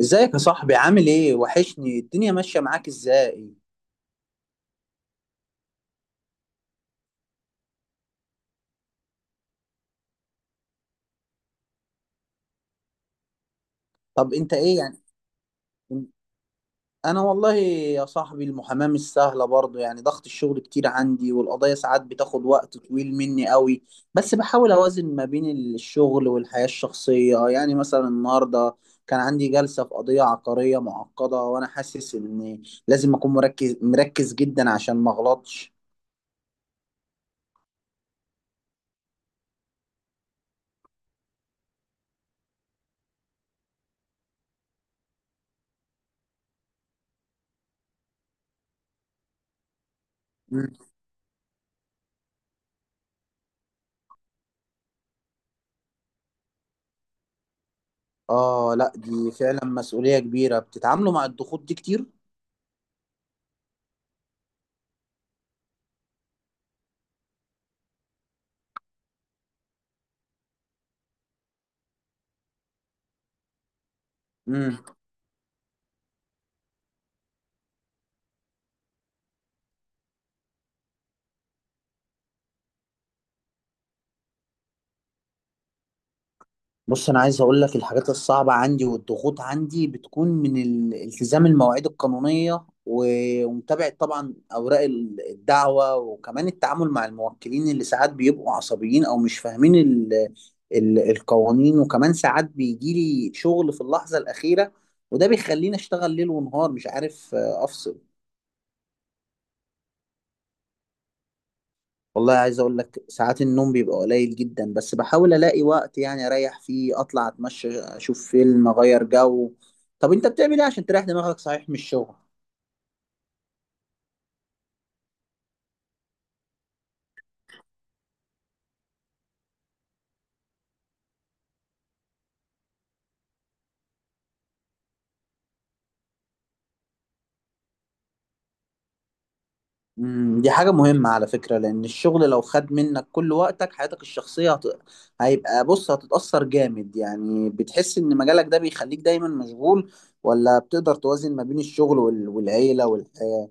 ازيك يا صاحبي؟ عامل ايه؟ وحشني. الدنيا ماشية معاك ازاي؟ طب انت ايه يعني؟ انا والله يا صاحبي، المحاماة مش سهلة برضه، يعني ضغط الشغل كتير عندي، والقضايا ساعات بتاخد وقت طويل مني قوي. بس بحاول اوازن ما بين الشغل والحياة الشخصية. يعني مثلا النهاردة كان عندي جلسة في قضية عقارية معقدة، وانا حاسس ان لازم اكون مركز مركز جدا عشان ما اغلطش. مم. اه، لا دي فعلا مسؤولية كبيرة. بتتعاملوا مع الضغوط دي كتير؟ مم. بص، انا عايز اقول لك. الحاجات الصعبه عندي والضغوط عندي بتكون من التزام المواعيد القانونيه، ومتابعه طبعا اوراق الدعوه، وكمان التعامل مع الموكلين اللي ساعات بيبقوا عصبيين او مش فاهمين ال القوانين. وكمان ساعات بيجي لي شغل في اللحظه الاخيره، وده بيخليني اشتغل ليل ونهار، مش عارف افصل. والله عايز اقول لك، ساعات النوم بيبقى قليل جدا، بس بحاول الاقي وقت يعني اريح فيه، اطلع اتمشى، اشوف فيلم، اغير جو. طب انت بتعمل ايه عشان تريح دماغك، صحيح من الشغل؟ دي حاجة مهمة على فكرة، لان الشغل لو خد منك كل وقتك، حياتك الشخصية هيبقى، بص هتتأثر جامد. يعني بتحس ان مجالك ده بيخليك دايما مشغول، ولا بتقدر توازن ما بين الشغل والعيلة والحياة؟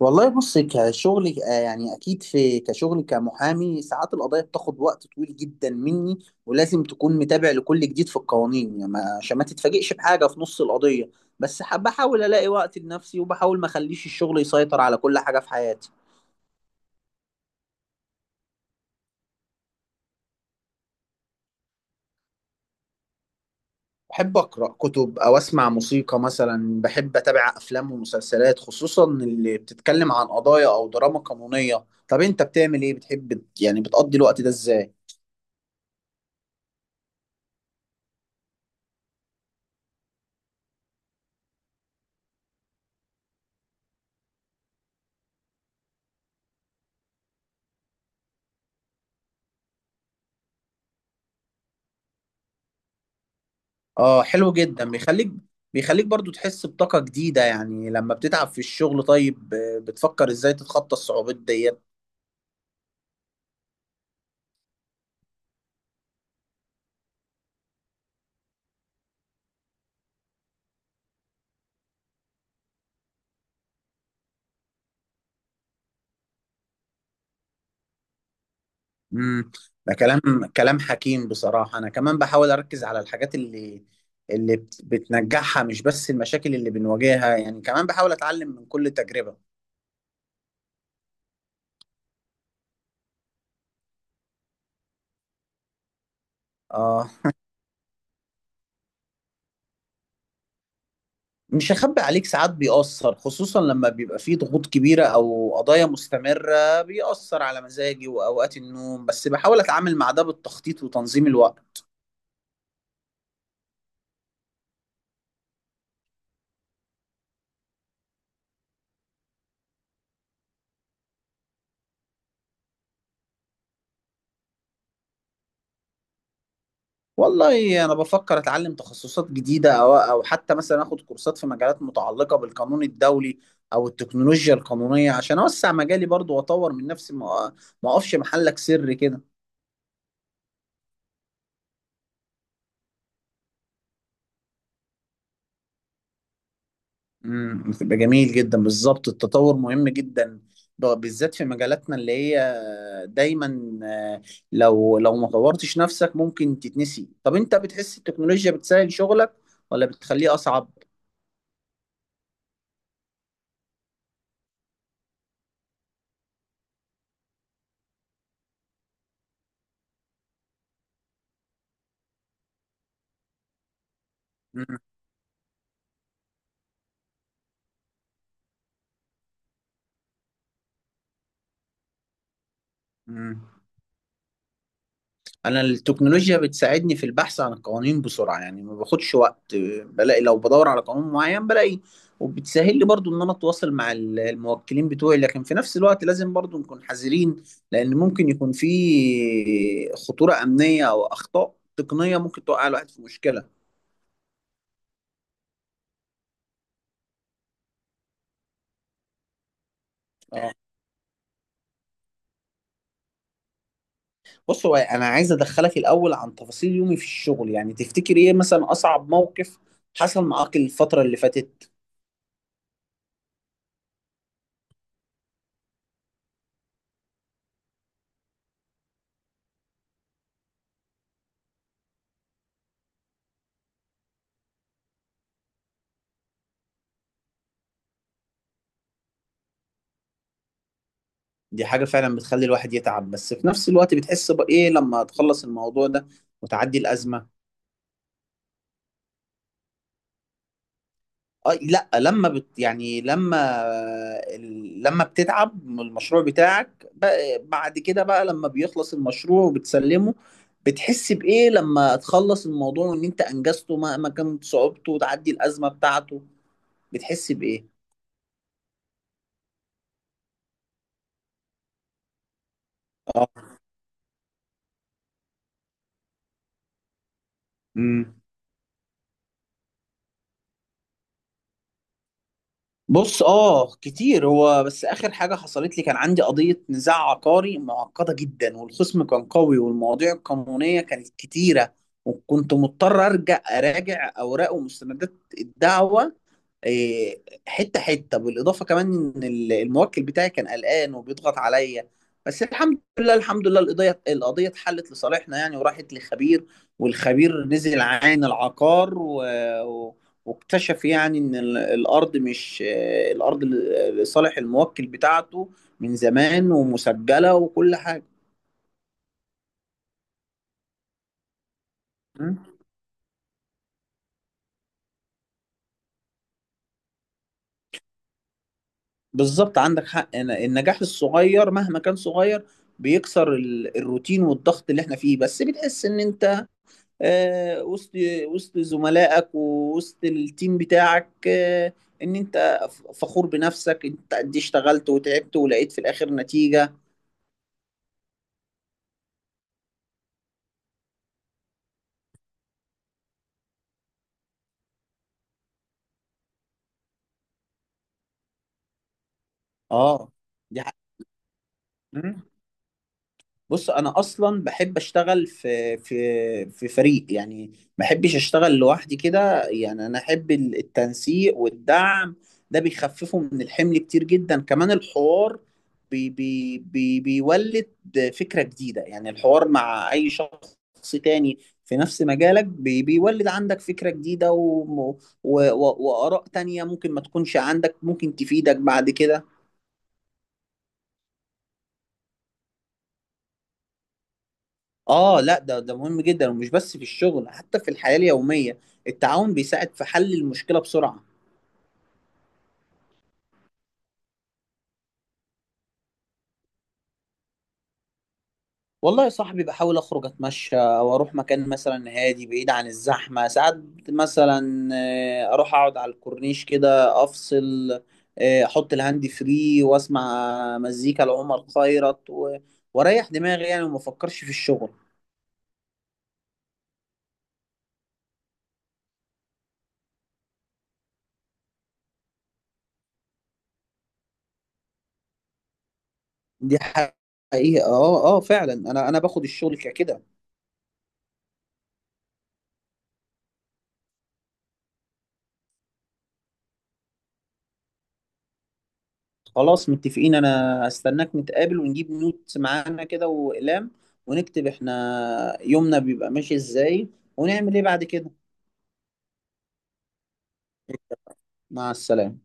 والله بص، كشغل يعني اكيد في كشغل كمحامي، ساعات القضايا بتاخد وقت طويل جدا مني. ولازم تكون متابع لكل جديد في القوانين، يعني عشان ما تتفاجئش بحاجه في نص القضيه. بس بحاول الاقي وقت لنفسي، وبحاول ما اخليش الشغل يسيطر على كل حاجه في حياتي. بحب اقرا كتب، او اسمع موسيقى. مثلا بحب اتابع افلام ومسلسلات خصوصا اللي بتتكلم عن قضايا او دراما قانونيه. طب انت بتعمل ايه؟ بتحب يعني بتقضي الوقت ده ازاي؟ اه حلو جدا. بيخليك برضو تحس بطاقة جديدة يعني لما بتتعب في الشغل. طيب بتفكر ازاي تتخطى الصعوبات ديت؟ امم ده كلام حكيم بصراحة. انا كمان بحاول اركز على الحاجات اللي بتنجحها، مش بس المشاكل اللي بنواجهها. يعني كمان بحاول اتعلم من كل تجربة. اه، مش هخبي عليك، ساعات بيأثر خصوصا لما بيبقى فيه ضغوط كبيرة او قضايا مستمرة، بيأثر على مزاجي واوقات النوم. بس بحاول اتعامل مع ده بالتخطيط وتنظيم الوقت. والله انا بفكر اتعلم تخصصات جديده، او حتى مثلا اخد كورسات في مجالات متعلقه بالقانون الدولي او التكنولوجيا القانونيه، عشان اوسع مجالي برضو واطور من نفسي، ما اقفش محلك سر كده. بتبقى جميل جدا. بالظبط التطور مهم جدا، بالذات في مجالاتنا اللي هي دايما لو ما طورتش نفسك ممكن تتنسي. طب انت بتحس التكنولوجيا بتسهل شغلك ولا بتخليه اصعب؟ امم انا التكنولوجيا بتساعدني في البحث عن القوانين بسرعه، يعني ما باخدش وقت، بلاقي. لو بدور على قانون معين بلاقي. وبتسهل لي برضو ان انا اتواصل مع الموكلين بتوعي. لكن في نفس الوقت لازم برضو نكون حذرين، لان ممكن يكون في خطوره امنيه او اخطاء تقنيه، ممكن توقع الواحد في مشكله. اه. بص هو انا عايز ادخلك الاول عن تفاصيل يومي في الشغل. يعني تفتكر ايه مثلا اصعب موقف حصل معاك الفتره اللي فاتت؟ دي حاجة فعلا بتخلي الواحد يتعب، بس في نفس الوقت بتحس بإيه لما تخلص الموضوع ده وتعدي الأزمة؟ أه لا، لما بت يعني لما بتتعب من المشروع بتاعك، بعد كده بقى لما بيخلص المشروع وبتسلمه، بتحس بإيه لما تخلص الموضوع، وإن أنت أنجزته مهما كانت صعوبته، وتعدي الأزمة بتاعته؟ بتحس بإيه؟ اه. امم بص، اه كتير. هو بس اخر حاجه حصلت لي كان عندي قضيه نزاع عقاري معقده جدا، والخصم كان قوي، والمواضيع القانونيه كانت كتيره، وكنت مضطر اراجع اوراق ومستندات الدعوه إيه، حته حته، بالاضافه كمان ان الموكل بتاعي كان قلقان وبيضغط عليا. بس الحمد لله، الحمد لله القضيه اتحلت لصالحنا يعني، وراحت لخبير. والخبير نزل عين العقار، و- واكتشف يعني ان الارض مش الارض لصالح الموكل بتاعته من زمان، ومسجله وكل حاجه. مم. بالظبط عندك حق. النجاح الصغير مهما كان صغير بيكسر الروتين والضغط اللي احنا فيه، بس بتحس ان انت آه، وسط وسط زملائك ووسط التيم بتاعك، ان انت فخور بنفسك، انت قد إيه اشتغلت وتعبت ولقيت في الاخر نتيجة. اه، دي حاجة. بص انا اصلا بحب اشتغل في فريق يعني، ما بحبش اشتغل لوحدي كده، يعني انا احب التنسيق والدعم. ده بيخففه من الحمل كتير جدا. كمان الحوار بي بي بي بيولد فكرة جديدة يعني، الحوار مع اي شخص تاني في نفس مجالك بيولد عندك فكرة جديدة، وآراء تانية ممكن ما تكونش عندك، ممكن تفيدك بعد كده. اه لا، ده مهم جدا، ومش بس في الشغل حتى في الحياة اليومية. التعاون بيساعد في حل المشكلة بسرعة. والله يا صاحبي بحاول اخرج، اتمشى، او اروح مكان مثلا هادي بعيد عن الزحمة. ساعات مثلا اروح اقعد على الكورنيش كده، افصل، احط الهاند فري واسمع مزيكا لعمر خيرت، واريح دماغي يعني، وما افكرش في الشغل. دي حقيقة. اه، اه فعلا، انا باخد الشغل كده. خلاص متفقين. انا هستناك نتقابل، ونجيب نوت معانا كده واقلام، ونكتب احنا يومنا بيبقى ماشي ازاي ونعمل ايه بعد كده. مع السلامة.